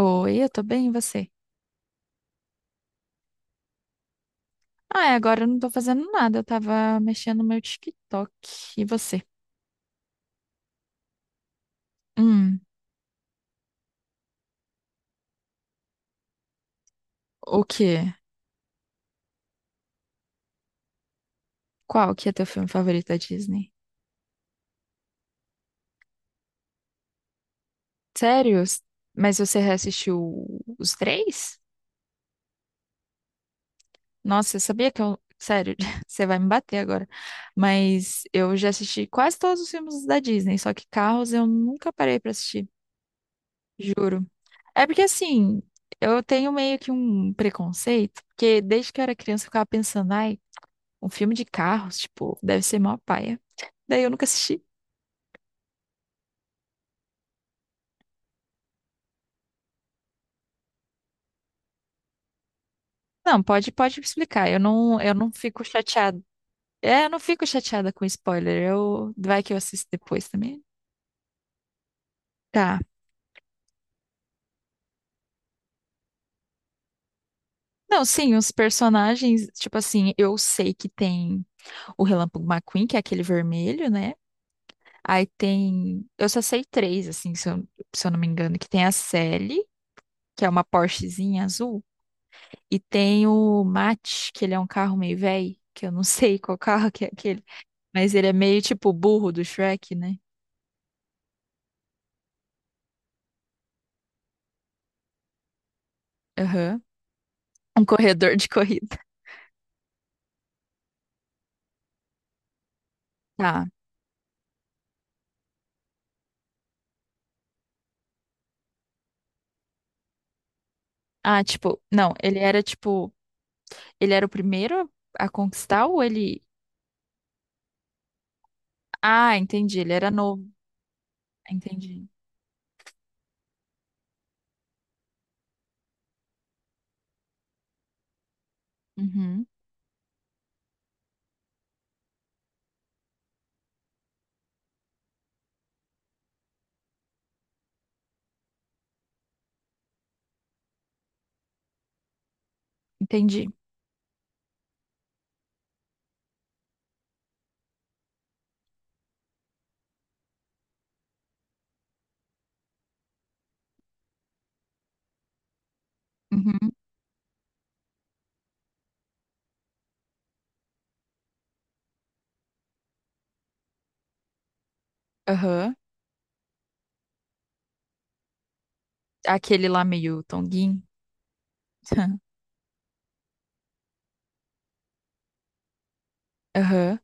Oi, eu tô bem, e você? Ah, é, agora eu não tô fazendo nada, eu tava mexendo no meu TikTok. E você? Hum, o quê? Qual que é teu filme favorito da Disney? Sério? Mas você reassistiu os três? Nossa, eu sabia que eu... Sério, você vai me bater agora. Mas eu já assisti quase todos os filmes da Disney, só que Carros eu nunca parei pra assistir, juro. É porque assim, eu tenho meio que um preconceito, porque desde que eu era criança eu ficava pensando, ai, um filme de carros, tipo, deve ser mó paia. Daí eu nunca assisti. Não, pode me explicar. Eu não fico chateada. É, eu não fico chateada com spoiler. Eu, vai que eu assisto depois também. Tá. Não, sim, os personagens, tipo assim, eu sei que tem o Relâmpago McQueen, que é aquele vermelho, né? Aí tem, eu só sei três, assim, se eu não me engano, que tem a Sally, que é uma Porschezinha azul, e tem o Matt, que ele é um carro meio velho, que eu não sei qual carro que é aquele. Mas ele é meio tipo o burro do Shrek, né? Aham. Um corredor de corrida. Tá. Ah, tipo, não, ele era tipo, ele era o primeiro a conquistar ou ele. Ah, entendi, ele era novo. Entendi. Uhum. Entendi. Uhum. Aham. Aquele lá meio tonguinho. Aham.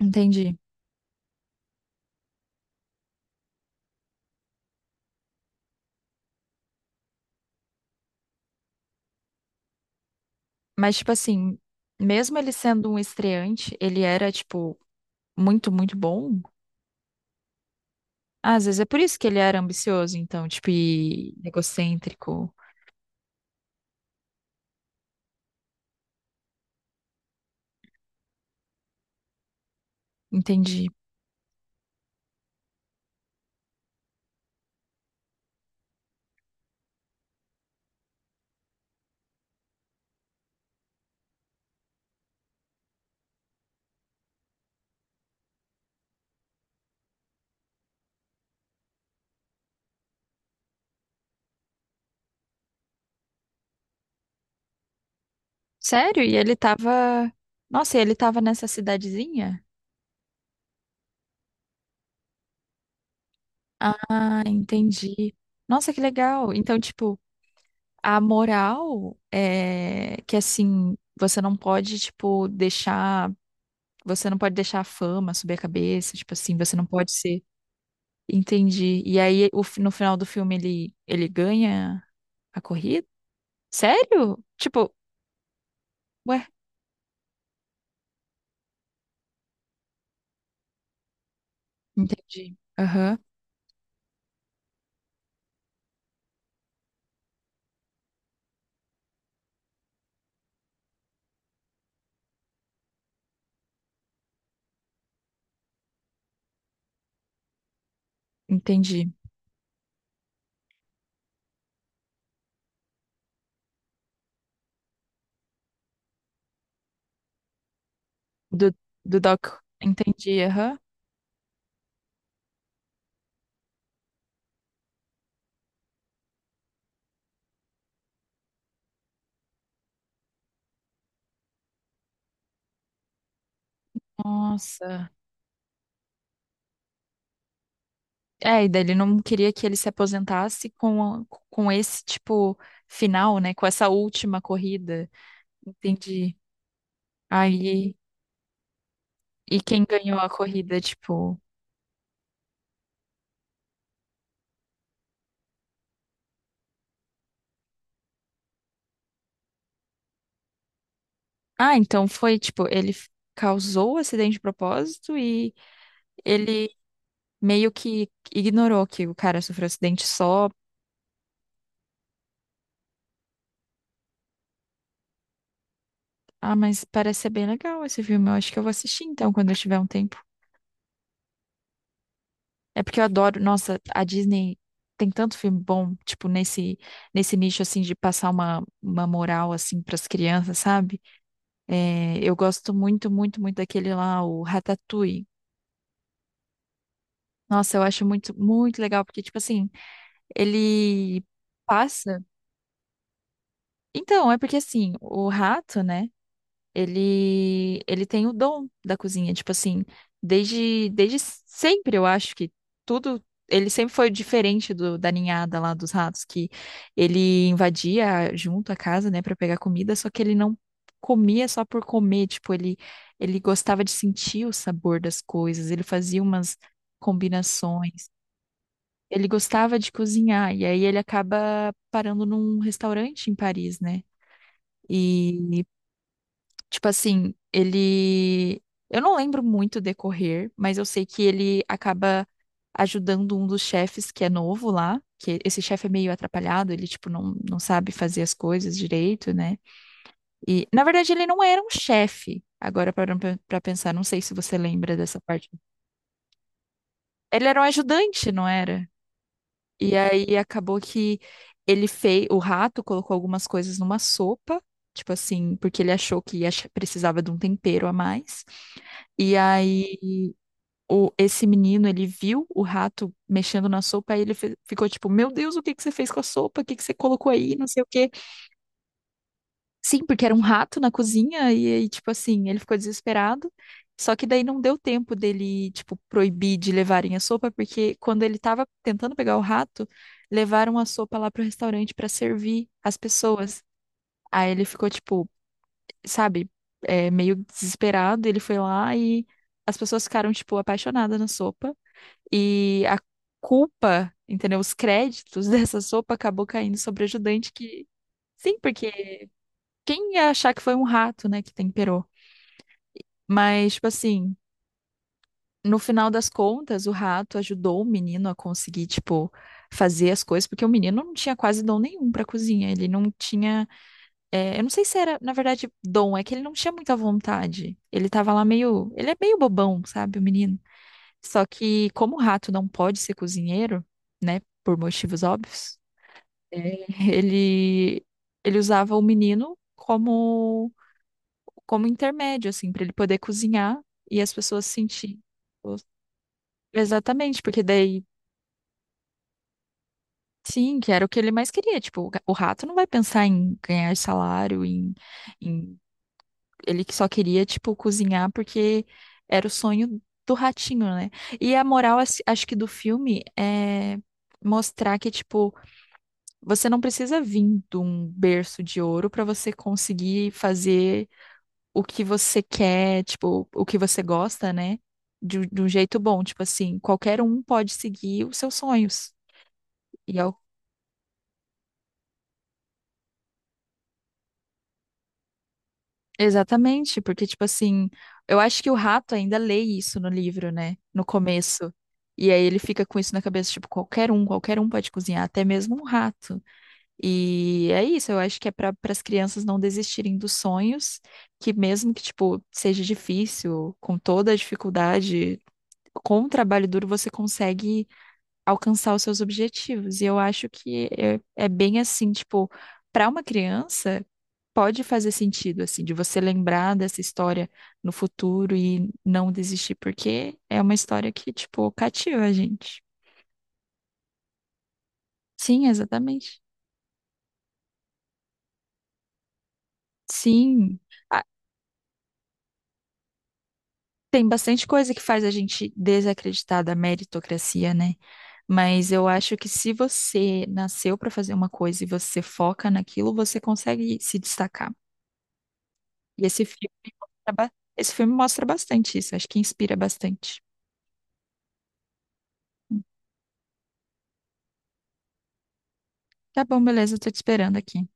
Entendi. Mas, tipo assim, mesmo ele sendo um estreante, ele era, tipo, muito, muito bom. Ah, às vezes é por isso que ele era ambicioso, então, tipo, e egocêntrico. Entendi. Sério? E ele tava. Nossa, e ele tava nessa cidadezinha? Ah, entendi. Nossa, que legal. Então, tipo, a moral é que assim, você não pode, tipo, deixar. Você não pode deixar a fama subir a cabeça, tipo assim, você não pode ser. Entendi. E aí, no final do filme, ele ganha a corrida? Sério? Tipo, ué, entendi. Aham, entendi. Do, do Doc. Entendi, aham. Nossa. É, e daí ele não queria que ele se aposentasse com, com esse tipo final, né? Com essa última corrida. Entendi. Aí, e quem ganhou a corrida, tipo. Ah, então foi, tipo, causou o acidente de propósito e ele meio que ignorou que o cara sofreu acidente só. Ah, mas parece ser bem legal esse filme. Eu acho que eu vou assistir então quando eu tiver um tempo. É porque eu adoro, nossa, a Disney tem tanto filme bom, tipo, nesse nicho, assim, de passar uma moral, assim, pras crianças, sabe? É, eu gosto muito, muito, muito daquele lá, o Ratatouille. Nossa, eu acho muito, muito legal, porque, tipo assim, ele passa. Então, é porque, assim, o rato, né? Ele tem o dom da cozinha, tipo assim, desde sempre eu acho que tudo ele sempre foi diferente do da ninhada lá dos ratos que ele invadia junto a casa, né, para pegar comida, só que ele não comia só por comer, tipo, ele gostava de sentir o sabor das coisas, ele fazia umas combinações. Ele gostava de cozinhar e aí ele acaba parando num restaurante em Paris, né? E tipo assim, ele. Eu não lembro muito o decorrer, mas eu sei que ele acaba ajudando um dos chefes que é novo lá, que esse chefe é meio atrapalhado, ele, tipo, não sabe fazer as coisas direito, né? E, na verdade, ele não era um chefe. Agora, parando pra pensar, não sei se você lembra dessa parte. Ele era um ajudante, não era? E aí acabou que ele fez. O rato colocou algumas coisas numa sopa, tipo assim, porque ele achou que precisava de um tempero a mais. E aí o, esse menino, ele viu o rato mexendo na sopa e ele ficou tipo, meu Deus, o que que você fez com a sopa? O que que você colocou aí? Não sei o quê. Sim, porque era um rato na cozinha e aí, tipo assim, ele ficou desesperado. Só que daí não deu tempo dele, tipo, proibir de levarem a sopa, porque quando ele tava tentando pegar o rato, levaram a sopa lá pro restaurante pra servir as pessoas. Aí ele ficou, tipo, sabe, é, meio desesperado. Ele foi lá e as pessoas ficaram, tipo, apaixonadas na sopa. E a culpa, entendeu? Os créditos dessa sopa acabou caindo sobre o ajudante que. Sim, porque quem ia achar que foi um rato, né, que temperou? Mas, tipo assim, no final das contas, o rato ajudou o menino a conseguir, tipo, fazer as coisas, porque o menino não tinha quase dom nenhum pra cozinha. Ele não tinha. É, eu não sei se era, na verdade, dom, é que ele não tinha muita vontade. Ele tava lá meio. Ele é meio bobão, sabe, o menino. Só que, como o rato não pode ser cozinheiro, né, por motivos óbvios. É, Ele, ele usava o menino como, como intermédio, assim, para ele poder cozinhar e as pessoas sentirem. Os- exatamente, porque daí, sim, que era o que ele mais queria. Tipo, o rato não vai pensar em ganhar salário, em, em... Ele que só queria, tipo, cozinhar porque era o sonho do ratinho, né? E a moral, assim, acho que do filme é mostrar que, tipo, você não precisa vir de um berço de ouro para você conseguir fazer o que você quer, tipo, o que você gosta, né? De um jeito bom, tipo assim, qualquer um pode seguir os seus sonhos. E é o- exatamente, porque, tipo assim, eu acho que o rato ainda lê isso no livro, né? No começo. E aí ele fica com isso na cabeça, tipo, qualquer um pode cozinhar, até mesmo um rato. E é isso, eu acho que é para as crianças não desistirem dos sonhos, que mesmo que, tipo, seja difícil, com toda a dificuldade, com o trabalho duro você consegue alcançar os seus objetivos. E eu acho que é, é bem assim, tipo, para uma criança pode fazer sentido assim de você lembrar dessa história no futuro e não desistir, porque é uma história que, tipo, cativa a gente. Sim, exatamente. Sim. Ah, tem bastante coisa que faz a gente desacreditar da meritocracia, né? Mas eu acho que se você nasceu para fazer uma coisa e você foca naquilo, você consegue se destacar. E esse filme esse filme mostra bastante isso, acho que inspira bastante. Hum, Tá bom, beleza, eu tô te esperando aqui.